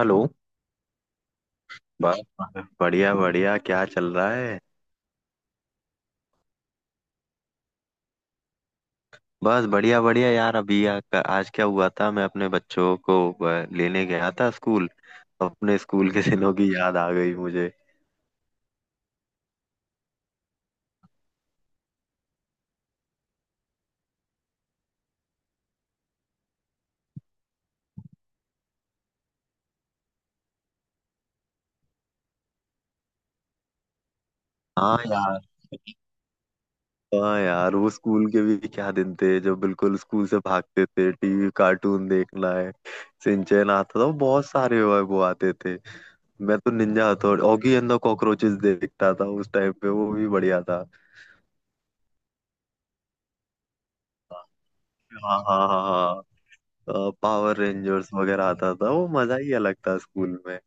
Hello. बस बढ़िया बढ़िया, क्या चल रहा है? बस बढ़िया बढ़िया यार। अभी आज क्या हुआ था, मैं अपने बच्चों को लेने गया था स्कूल। अपने स्कूल के दिनों की याद आ गई मुझे। हाँ यार। हाँ यार, वो स्कूल के भी क्या दिन थे, जब बिल्कुल स्कूल से भागते थे, टीवी कार्टून देखना है। सिंचैन आता था, वो बहुत सारे वो आते थे। मैं तो ninja Hattori, Oggy and the cockroaches देखता था उस टाइम पे, वो भी बढ़िया था। हाँ हाँ हाँ हाँ। पावर रेंजर्स वगैरह आता था, वो मजा ही अलग था स्कूल में।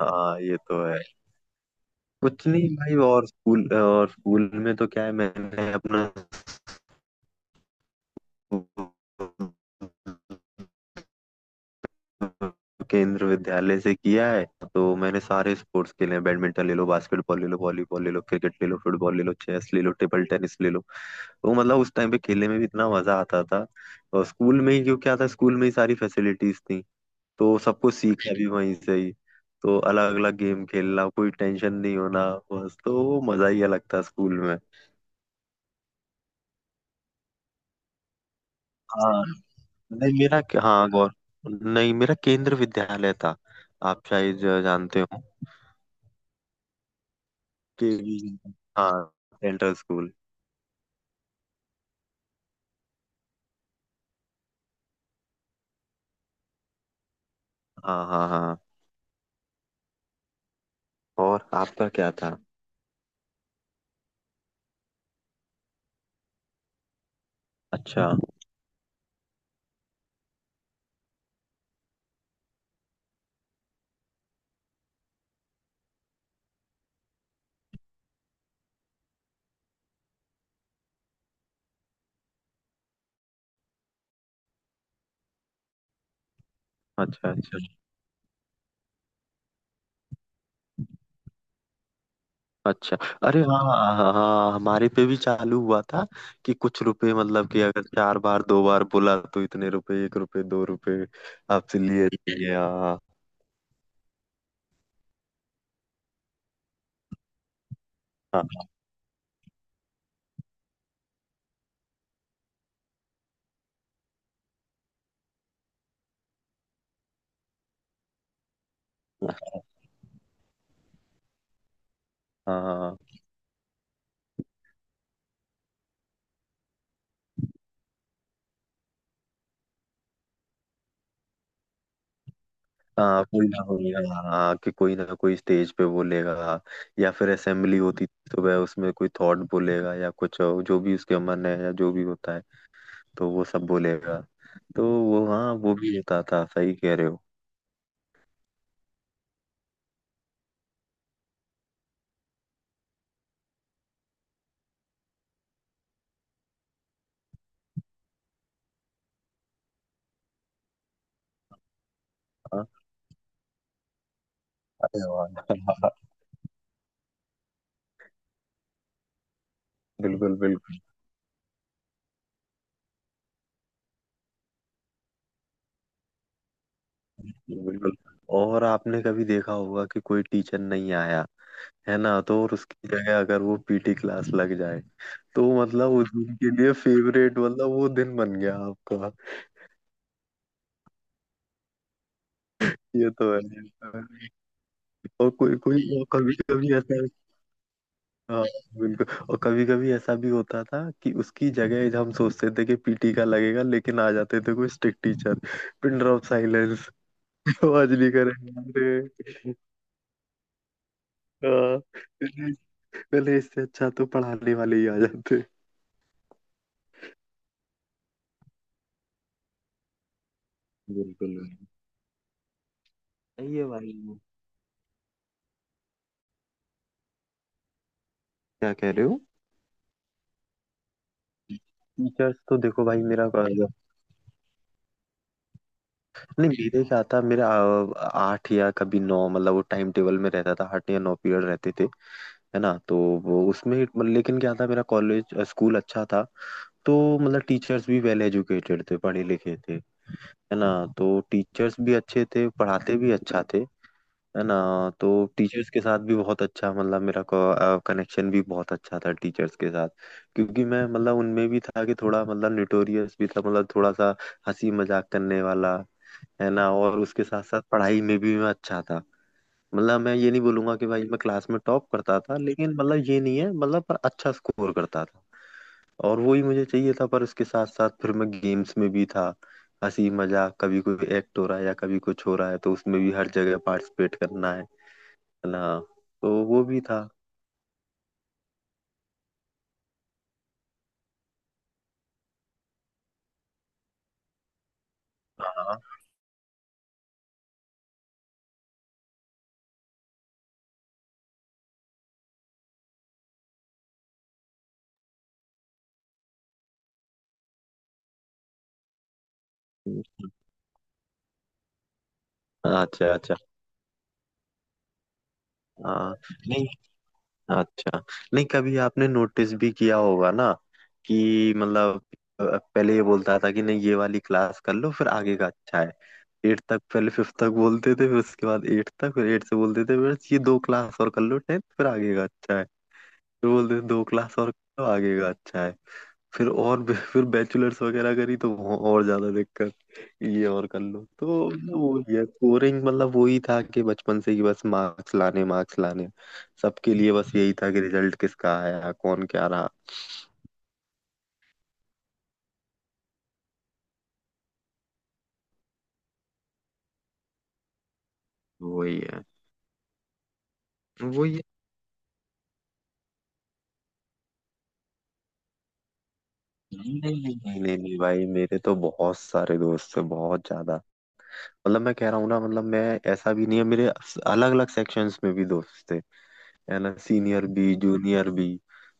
हाँ ये तो है। कुछ नहीं भाई, और स्कूल में तो क्या है, मैंने अपना स्कूल- केंद्र विद्यालय से किया है। तो मैंने सारे स्पोर्ट्स खेले हैं, बैडमिंटन ले लो, बास्केटबॉल ले लो, वॉलीबॉल ले लो, क्रिकेट ले लो, फुटबॉल ले लो, चेस ले लो, टेबल टेनिस ले लो। तो मतलब उस टाइम पे खेलने में भी इतना मजा आता था। और स्कूल में ही क्यों, क्या था, स्कूल में ही सारी फैसिलिटीज थी। तो सब कुछ सीखा भी वहीं से ही। तो अलग अलग गेम खेलना, कोई टेंशन नहीं होना। बस तो वो मजा ही अलग था स्कूल में। हाँ। नहीं मेरा, हाँ गौर, नहीं मेरा केंद्र विद्यालय था। आप शायद जानते हो के। हाँ, सेंट्रल स्कूल। हाँ हाँ हाँ। और आपका क्या था? अच्छा अच्छा। अच्छा अच्छा। अरे हाँ हाँ हाँ हाँ, हमारे पे भी चालू हुआ था, कि कुछ रुपए, मतलब कि अगर चार बार दो बार बोला तो इतने रुपए, एक रुपए दो रुपए आपसे लिए जाएंगे। हाँ। हाँ हाँ हाँ। हाँ, कोई ना कोई, हाँ हाँ, कि कोई ना कोई स्टेज पे बोलेगा, या फिर असेंबली होती थी तो वह उसमें कोई थॉट बोलेगा या कुछ और, जो भी उसके मन है या जो भी होता है, तो वो सब बोलेगा। तो वो, हाँ वो भी होता था, सही कह रहे हो। हाँ। अरे वाह। बिल्कुल बिल्कुल। बिल्कुल। और आपने कभी देखा होगा कि कोई टीचर नहीं आया, है ना, तो और उसकी जगह अगर वो पीटी क्लास लग जाए, तो मतलब उस दिन के लिए फेवरेट, मतलब वो दिन बन गया आपका। ये तो है, ये तो है। और कोई कोई कभी कभी ऐसा। हाँ। बिल्कुल, और कभी कभी ऐसा भी होता था कि उसकी जगह हम सोचते थे कि पीटी का लगेगा, लेकिन आ जाते थे कोई strict teacher. Pin drop silence. आवाज नहीं करेंगे। हाँ, पहले इससे अच्छा तो पढ़ाने वाले ही आ जाते। बिल्कुल बिल्कुल। सही है भाई। क्या कह रहे हो? टीचर्स तो देखो भाई मेरा, नहीं मेरे क्या था, मेरा आठ या कभी नौ, मतलब वो टाइम टेबल में रहता था, आठ या नौ पीरियड रहते थे, है ना। तो वो उसमें लेकिन क्या था, मेरा कॉलेज स्कूल अच्छा था। तो मतलब टीचर्स भी वेल एजुकेटेड थे, पढ़े लिखे थे, है ना। तो टीचर्स भी अच्छे थे, पढ़ाते भी अच्छा थे, है ना। तो टीचर्स के साथ भी बहुत अच्छा, मतलब मेरा कनेक्शन भी बहुत अच्छा था टीचर्स के साथ। क्योंकि मैं, मतलब उनमें भी था कि थोड़ा, मतलब न्यूटोरियस भी था, मतलब थोड़ा सा हंसी मजाक करने वाला, है ना। और उसके साथ साथ पढ़ाई में भी मैं अच्छा था। मतलब मैं ये नहीं बोलूंगा कि भाई मैं क्लास में टॉप करता था, लेकिन मतलब ये नहीं है, मतलब, पर अच्छा स्कोर करता था, और वही मुझे चाहिए था। पर उसके साथ साथ फिर मैं गेम्स में भी था, हंसी मजाक, कभी कोई एक्ट हो रहा है या कभी कुछ हो रहा है, तो उसमें भी हर जगह पार्टिसिपेट करना है। हाँ, तो वो भी था। हाँ अच्छा अच्छा। हाँ। नहीं अच्छा। नहीं, कभी आपने नोटिस भी किया होगा ना, कि मतलब पहले ये बोलता था कि नहीं ये वाली क्लास कर लो फिर आगे का अच्छा है। एट तक, पहले फिफ्थ तक बोलते थे, फिर उसके बाद एट तक, फिर एट से बोलते थे बस ये दो क्लास और कर लो टेंथ, फिर आगे का अच्छा है। फिर बोलते थे दो क्लास और कर लो, आगे का अच्छा है। फिर बैचलर्स वगैरह करी, तो वहाँ और ज्यादा दिक्कत, ये और कर लो, तो वो। हम्म। ये स्कोरिंग, मतलब वही था कि बचपन से ही बस मार्क्स लाने मार्क्स लाने, सबके लिए बस यही था कि रिजल्ट किसका आया, कौन क्या रहा। वही है। वही है। नहीं नहीं नहीं नहीं नहीं नहीं भाई, मेरे तो बहुत सारे दोस्त थे, बहुत ज्यादा। मतलब मैं कह रहा हूँ ना, मतलब मैं, ऐसा भी नहीं है मेरे। अलग अलग सेक्शंस में भी दोस्त थे, है ना, सीनियर भी जूनियर भी।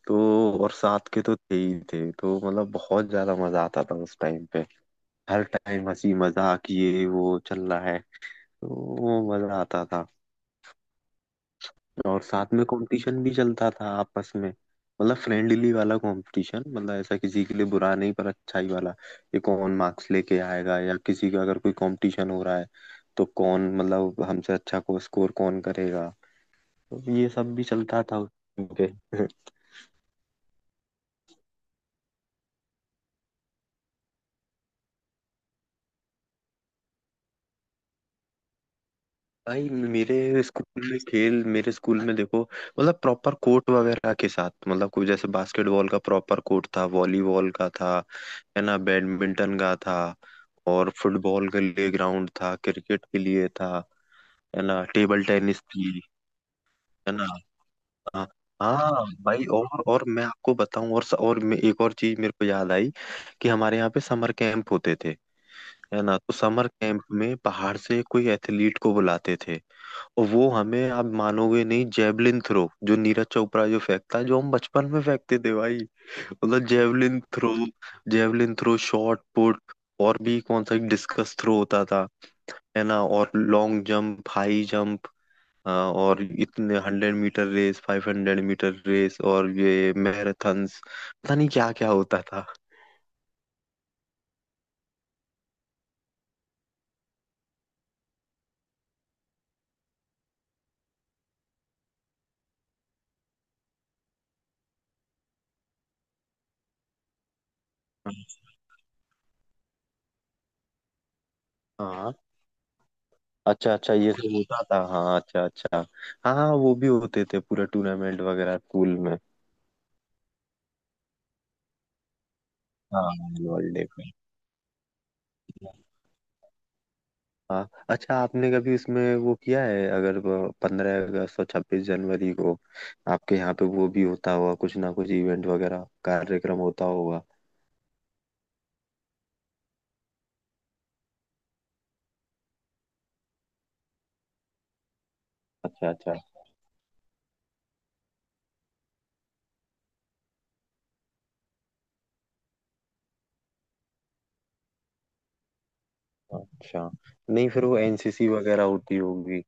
तो और साथ के तो थे ही थे, तो मतलब बहुत ज्यादा मजा आता था उस टाइम पे। हर टाइम हंसी मजाक ये वो चल रहा है। तो वो मजा आता था। और साथ में कंपटीशन भी चलता था आपस में, मतलब फ्रेंडली वाला कंपटीशन, मतलब ऐसा किसी के लिए बुरा नहीं, पर अच्छा ही वाला। ये कौन मार्क्स लेके आएगा, या किसी का अगर कोई कंपटीशन हो रहा है, तो कौन, मतलब हमसे अच्छा को स्कोर कौन करेगा। तो ये सब भी चलता था उस time पे। भाई मेरे स्कूल में खेल, मेरे स्कूल में देखो, मतलब प्रॉपर कोर्ट वगैरह के साथ, मतलब कोई जैसे बास्केटबॉल का प्रॉपर कोर्ट था, वॉलीबॉल का था, है ना, बैडमिंटन का था, और फुटबॉल के लिए ग्राउंड था, क्रिकेट के लिए था, है ना, टेबल टेनिस थी, है ना। हाँ हाँ भाई, और मैं आपको बताऊं, और मैं, एक और चीज मेरे को याद आई, कि हमारे यहाँ पे समर कैंप होते थे, है ना। तो समर कैंप में बाहर से कोई एथलीट को बुलाते थे, और वो हमें, आप मानोगे नहीं, जेवलिन थ्रो जो नीरज चोपड़ा जो फेंकता है, जो हम बचपन में फेंकते थे भाई, मतलब javelin throw, javelin throw, shot put, और भी कौन सा, डिस्कस थ्रो होता था, है ना, और लॉन्ग जंप, हाई जंप, और इतने 100 मीटर रेस, 500 मीटर रेस, और ये मैराथन्स, पता नहीं क्या क्या होता था। हाँ अच्छा अच्छा, ये सब होता था, हाँ अच्छा अच्छा। हाँ हाँ वो भी होते थे, पूरा टूर्नामेंट वगैरह स्कूल में। हाँ एनुअल डे। हाँ अच्छा, आपने कभी उसमें वो किया है अगर, 15 अगस्त और 26 जनवरी को आपके यहाँ पे वो भी होता होगा, कुछ ना कुछ इवेंट वगैरह कार्यक्रम होता होगा। अच्छा अच्छा। अच्छा। नहीं, फिर वो एनसीसी वगैरह होती होगी।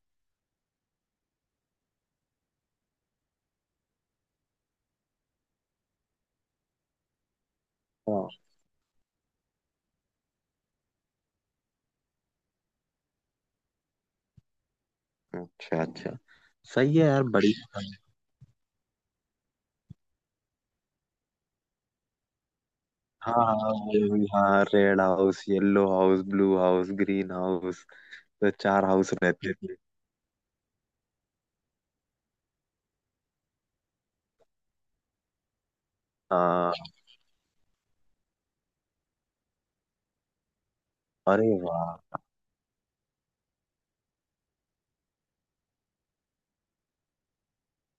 हाँ अच्छा अच्छा। सही है यार, बड़ी हाँ हाँ वो भी, हाँ red house yellow house blue house green house, तो चार हाउस रहते थे। हाँ। अरे वाह।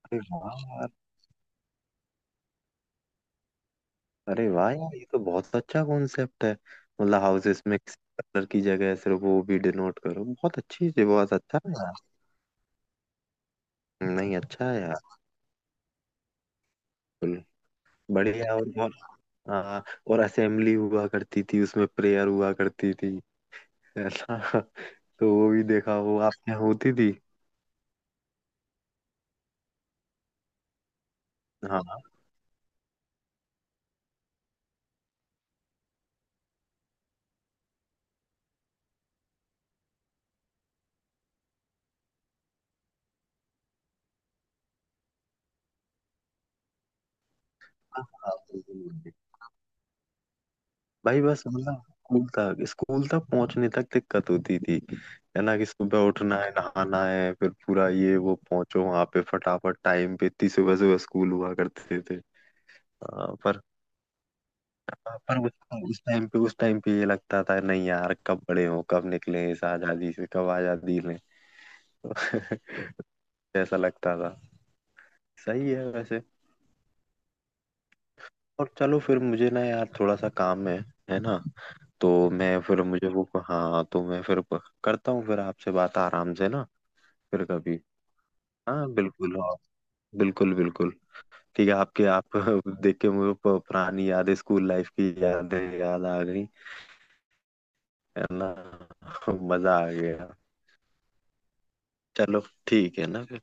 अरे वाह। अरे वाह यार, ये तो बहुत अच्छा कॉन्सेप्ट है। मतलब हाउसेस में किसी कलर की जगह सिर्फ वो भी डिनोट करो, बहुत अच्छी चीज, बहुत अच्छा है यार। नहीं अच्छा है यार। बिल्कुल। बढ़िया और बहुत। हाँ, और असेंबली हुआ करती थी, उसमें प्रेयर हुआ करती थी, ऐसा तो वो भी देखा, वो आपके यहाँ होती थी। हाँ हाँ, हाँ, भाई बस मतलब स्कूल तक पहुंचने तक दिक्कत होती थी, है ना, कि सुबह उठना है, नहाना है, फिर पूरा ये वो पहुंचो वहां पे फटाफट टाइम पे, इतनी सुबह सुबह स्कूल हुआ करते थे। हाँ, पर उस टाइम पे ये लगता था, नहीं यार, कब बड़े हो, कब निकले इस आजादी से, कब आजादी लें। ऐसा लगता था। सही है वैसे। और चलो फिर, मुझे ना यार थोड़ा सा काम है ना। तो मैं फिर मुझे वो, हाँ तो मैं फिर करता हूँ, फिर आपसे बात आराम से ना, फिर कभी। हाँ बिल्कुल। हाँ बिल्कुल बिल्कुल। ठीक है, आपके आप देख के मुझे पुरानी यादें, स्कूल लाइफ की यादें याद आ गई, है ना। मजा आ गया। चलो। ठीक है ना फिर।